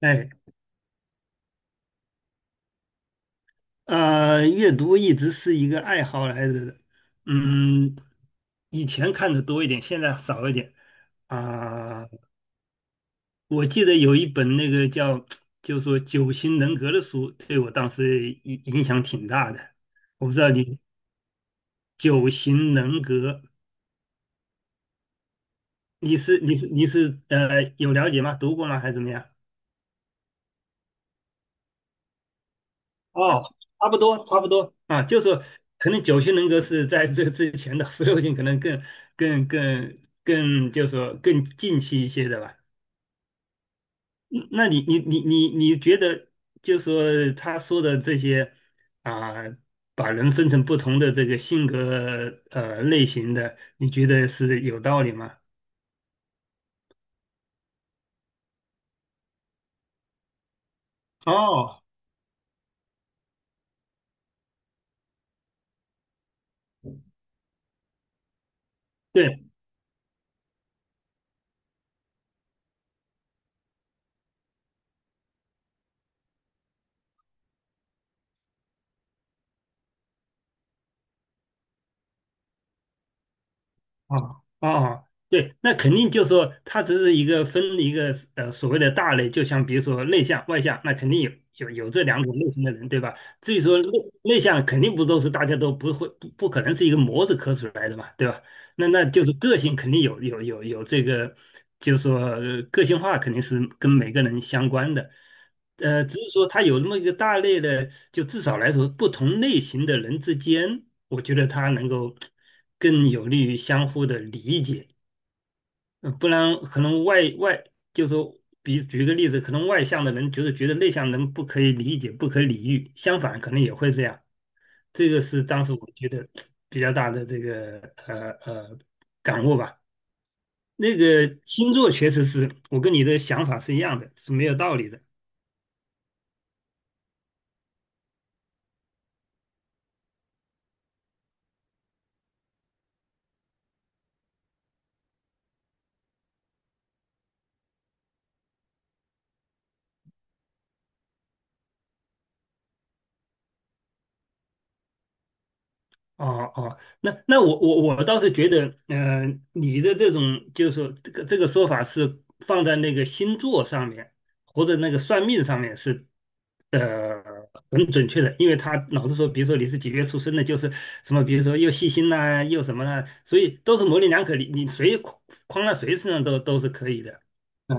哎，阅读一直是一个爱好来着的，嗯，以前看的多一点，现在少一点啊。我记得有一本那个叫，就说《九型人格》的书，对我当时影响挺大的。我不知道你《九型人格》，你是有了解吗？读过吗？还是怎么样？哦，差不多，差不多啊。就是可能九型人格是在这之前的，十六型可能更更更，就是说更近期一些的吧。嗯那你觉得，就是说他说的这些啊，把人分成不同的这个性格类型的，你觉得是有道理吗？哦，对，哦哦哦，对，那肯定就是说它只是一个分一个所谓的大类，就像比如说内向外向，那肯定有这两种类型的人，对吧？至于说内向，肯定不都是大家都不会不可能是一个模子刻出来的嘛，对吧？那就是个性肯定有这个，就是说个性化肯定是跟每个人相关的，只是说它有那么一个大类的，就至少来说，不同类型的人之间，我觉得它能够更有利于相互的理解。嗯，不然可能就是说，比举个例子，可能外向的人就是觉得内向人不可以理解、不可理喻，相反可能也会这样。这个是当时我觉得比较大的这个呃呃感悟吧。那个星座确实是我跟你的想法是一样的，是没有道理的。哦哦，那我倒是觉得，你的这种就是说这个说法是放在那个星座上面或者那个算命上面是，呃，很准确的。因为他老是说，比如说你是几月出生的，就是什么，比如说又细心呐、又什么啦、所以都是模棱两可，你谁框在谁身上都是可以的。啊，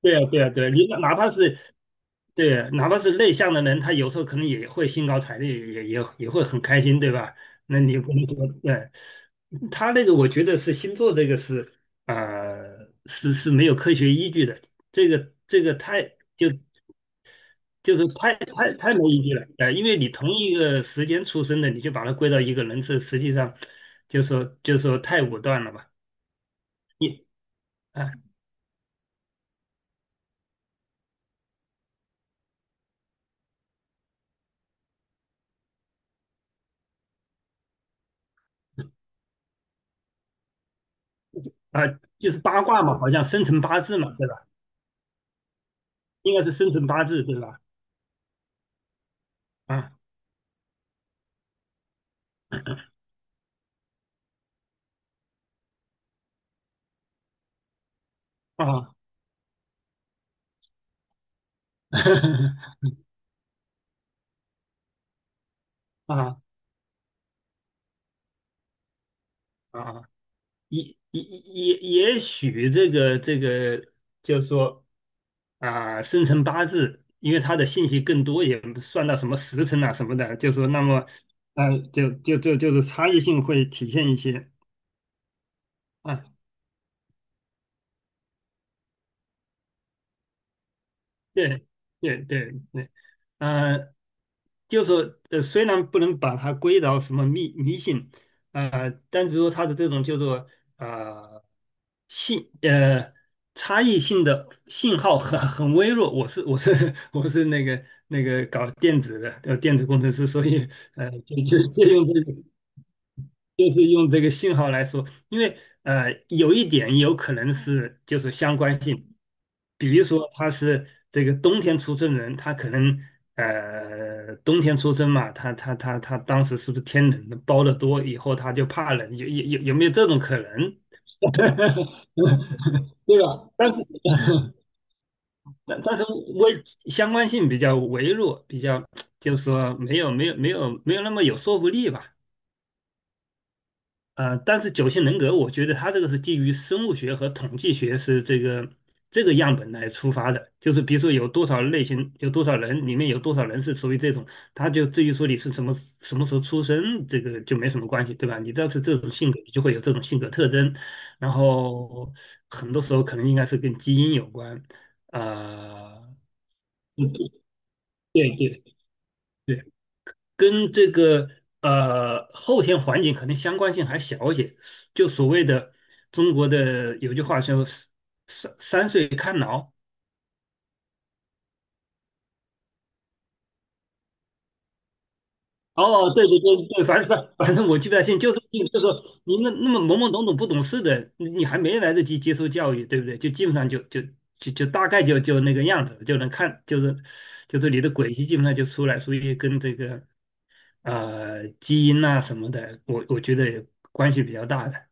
对啊，对啊，对啊，你哪怕是对，哪怕是内向的人，他有时候可能也会兴高采烈，也会很开心，对吧？那你不能说，对，他那个，我觉得是星座这个是，是没有科学依据的。这个太就就是太没依据了。因为你同一个时间出生的，你就把它归到一个人，这实际上就说太武断了吧？你啊啊，就是八卦嘛，好像生辰八字嘛，对吧？应该是生辰八字对吧？啊啊 啊啊！也也也也许这个，就是说啊，生辰八字，因为它的信息更多，也不算到什么时辰啊什么的，就说那么，就是差异性会体现一些啊。对对对对，呃，就说虽然不能把它归到什么迷信，但是说它的这种叫做呃信呃差异性的信号很微弱。我是 我是那个搞电子的，电子工程师，所以就借用这个。就是用这个信号来说，因为有一点有可能是就是相关性。比如说他是这个冬天出生人，他可能冬天出生嘛，他当时是不是天冷包的多，以后他就怕冷，有没有这种可能？对吧？但是但是微相关性比较微弱，比较就是说没有那么有说服力吧。但是九型人格，我觉得它这个是基于生物学和统计学是这个样本来出发的。就是比如说有多少类型，有多少人，里面有多少人是属于这种，它就至于说你是什么时候出生，这个就没什么关系，对吧？你只要是这种性格，你就会有这种性格特征。然后很多时候可能应该是跟基因有关，呃，嗯，对对对，跟这个后天环境可能相关性还小一些。就所谓的中国的有句话说"三岁看老"。哦，对对对对，反正我记不太清，就是说你那么懵懵懂懂不懂事的，你还没来得及接受教育，对不对？就基本上就就就就大概就那个样子，就能看就是你的轨迹基本上就出来。所以跟这个基因呐、什么的，我觉得关系比较大的，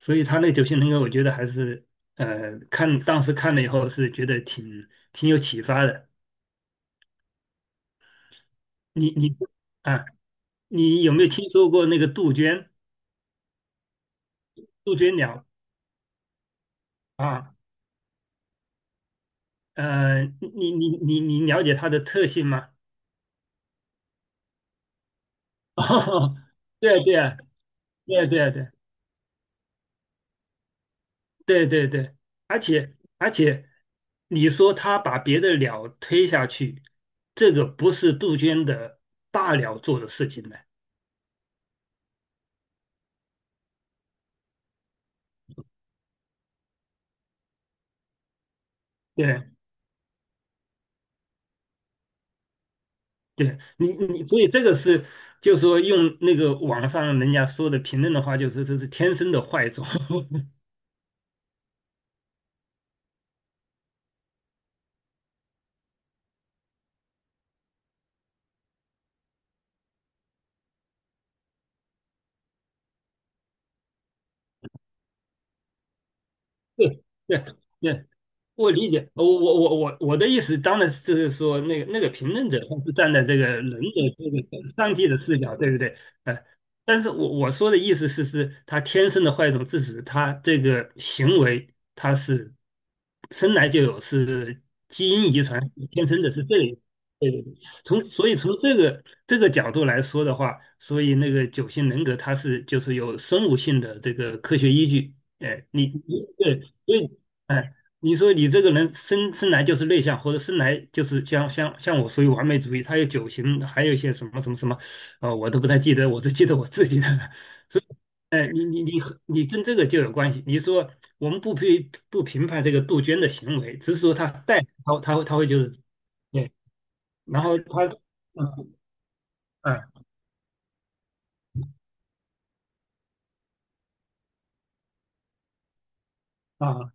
所以他那九型人格，我觉得还是当时看了以后是觉得挺有启发的。你你啊，你有没有听说过那个杜鹃鸟啊？你了解它的特性吗？哦，对啊，对啊，对啊，对啊，对啊，对对对。而且你说他把别的鸟推下去，这个不是杜鹃的大鸟做的事情呢。对对，所以这个是，就说用那个网上人家说的评论的话，就是这是天生的坏种。对对对，我理解，我的意思当然是说，那个评论者他是站在这个人的这个上帝的视角，对不对？呃，但是我说的意思是，是他天生的坏种致使他这个行为，他是生来就有，是基因遗传天生的，是这一对对对。所以从这个角度来说的话，所以那个九型人格它是就是有生物性的这个科学依据。哎，你对，所以哎。你说你这个人生来就是内向，或者生来就是像我属于完美主义，他有九型，还有一些什么什么什么。我都不太记得，我只记得我自己的。所以，哎，你跟这个就有关系。你说我们不评判这个杜鹃的行为，只是说他会他会就是，对。然后嗯嗯啊，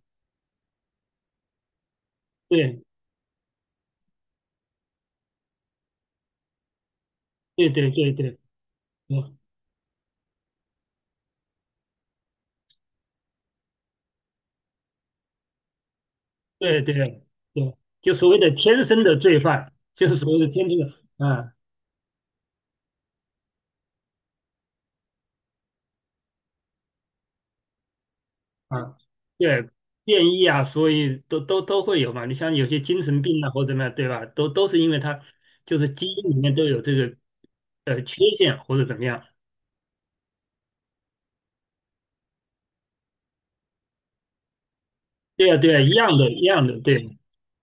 对对对对对，嗯，对对对对，就所谓的天生的罪犯，就是所谓的天生的。嗯，啊，对，变异啊，所以都会有嘛。你像有些精神病啊，或者怎么样，对吧？都是因为它就是基因里面都有这个缺陷或者怎么样。对呀，对呀，一样的，一样的，对，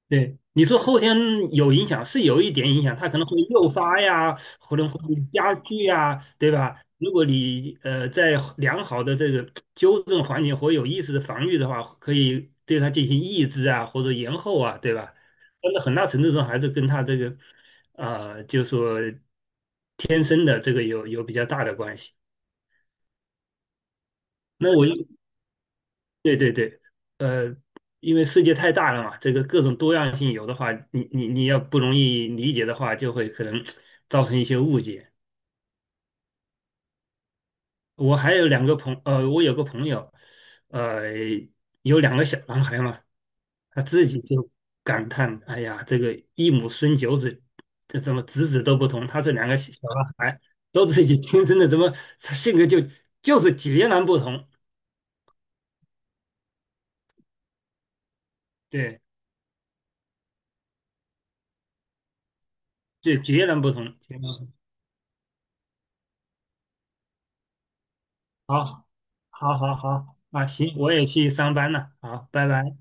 对。你说后天有影响是有一点影响，它可能会诱发呀，可能会加剧呀，对吧？如果你在良好的这个纠正环境或有意识的防御的话，可以对它进行抑制啊，或者延后啊，对吧？但是很大程度上还是跟它这个就说天生的这个有比较大的关系。那我对对对，呃，因为世界太大了嘛，这个各种多样性有的话，你要不容易理解的话，就会可能造成一些误解。我有个朋友，呃，有两个小男孩嘛，他自己就感叹："哎呀，这个一母生九子，这怎么子子都不同？他这两个小男孩都自己亲生的，怎么性格就是截然不同？对，对，截然不同。"好，好，好，好，啊，行，我也去上班了，好，拜拜。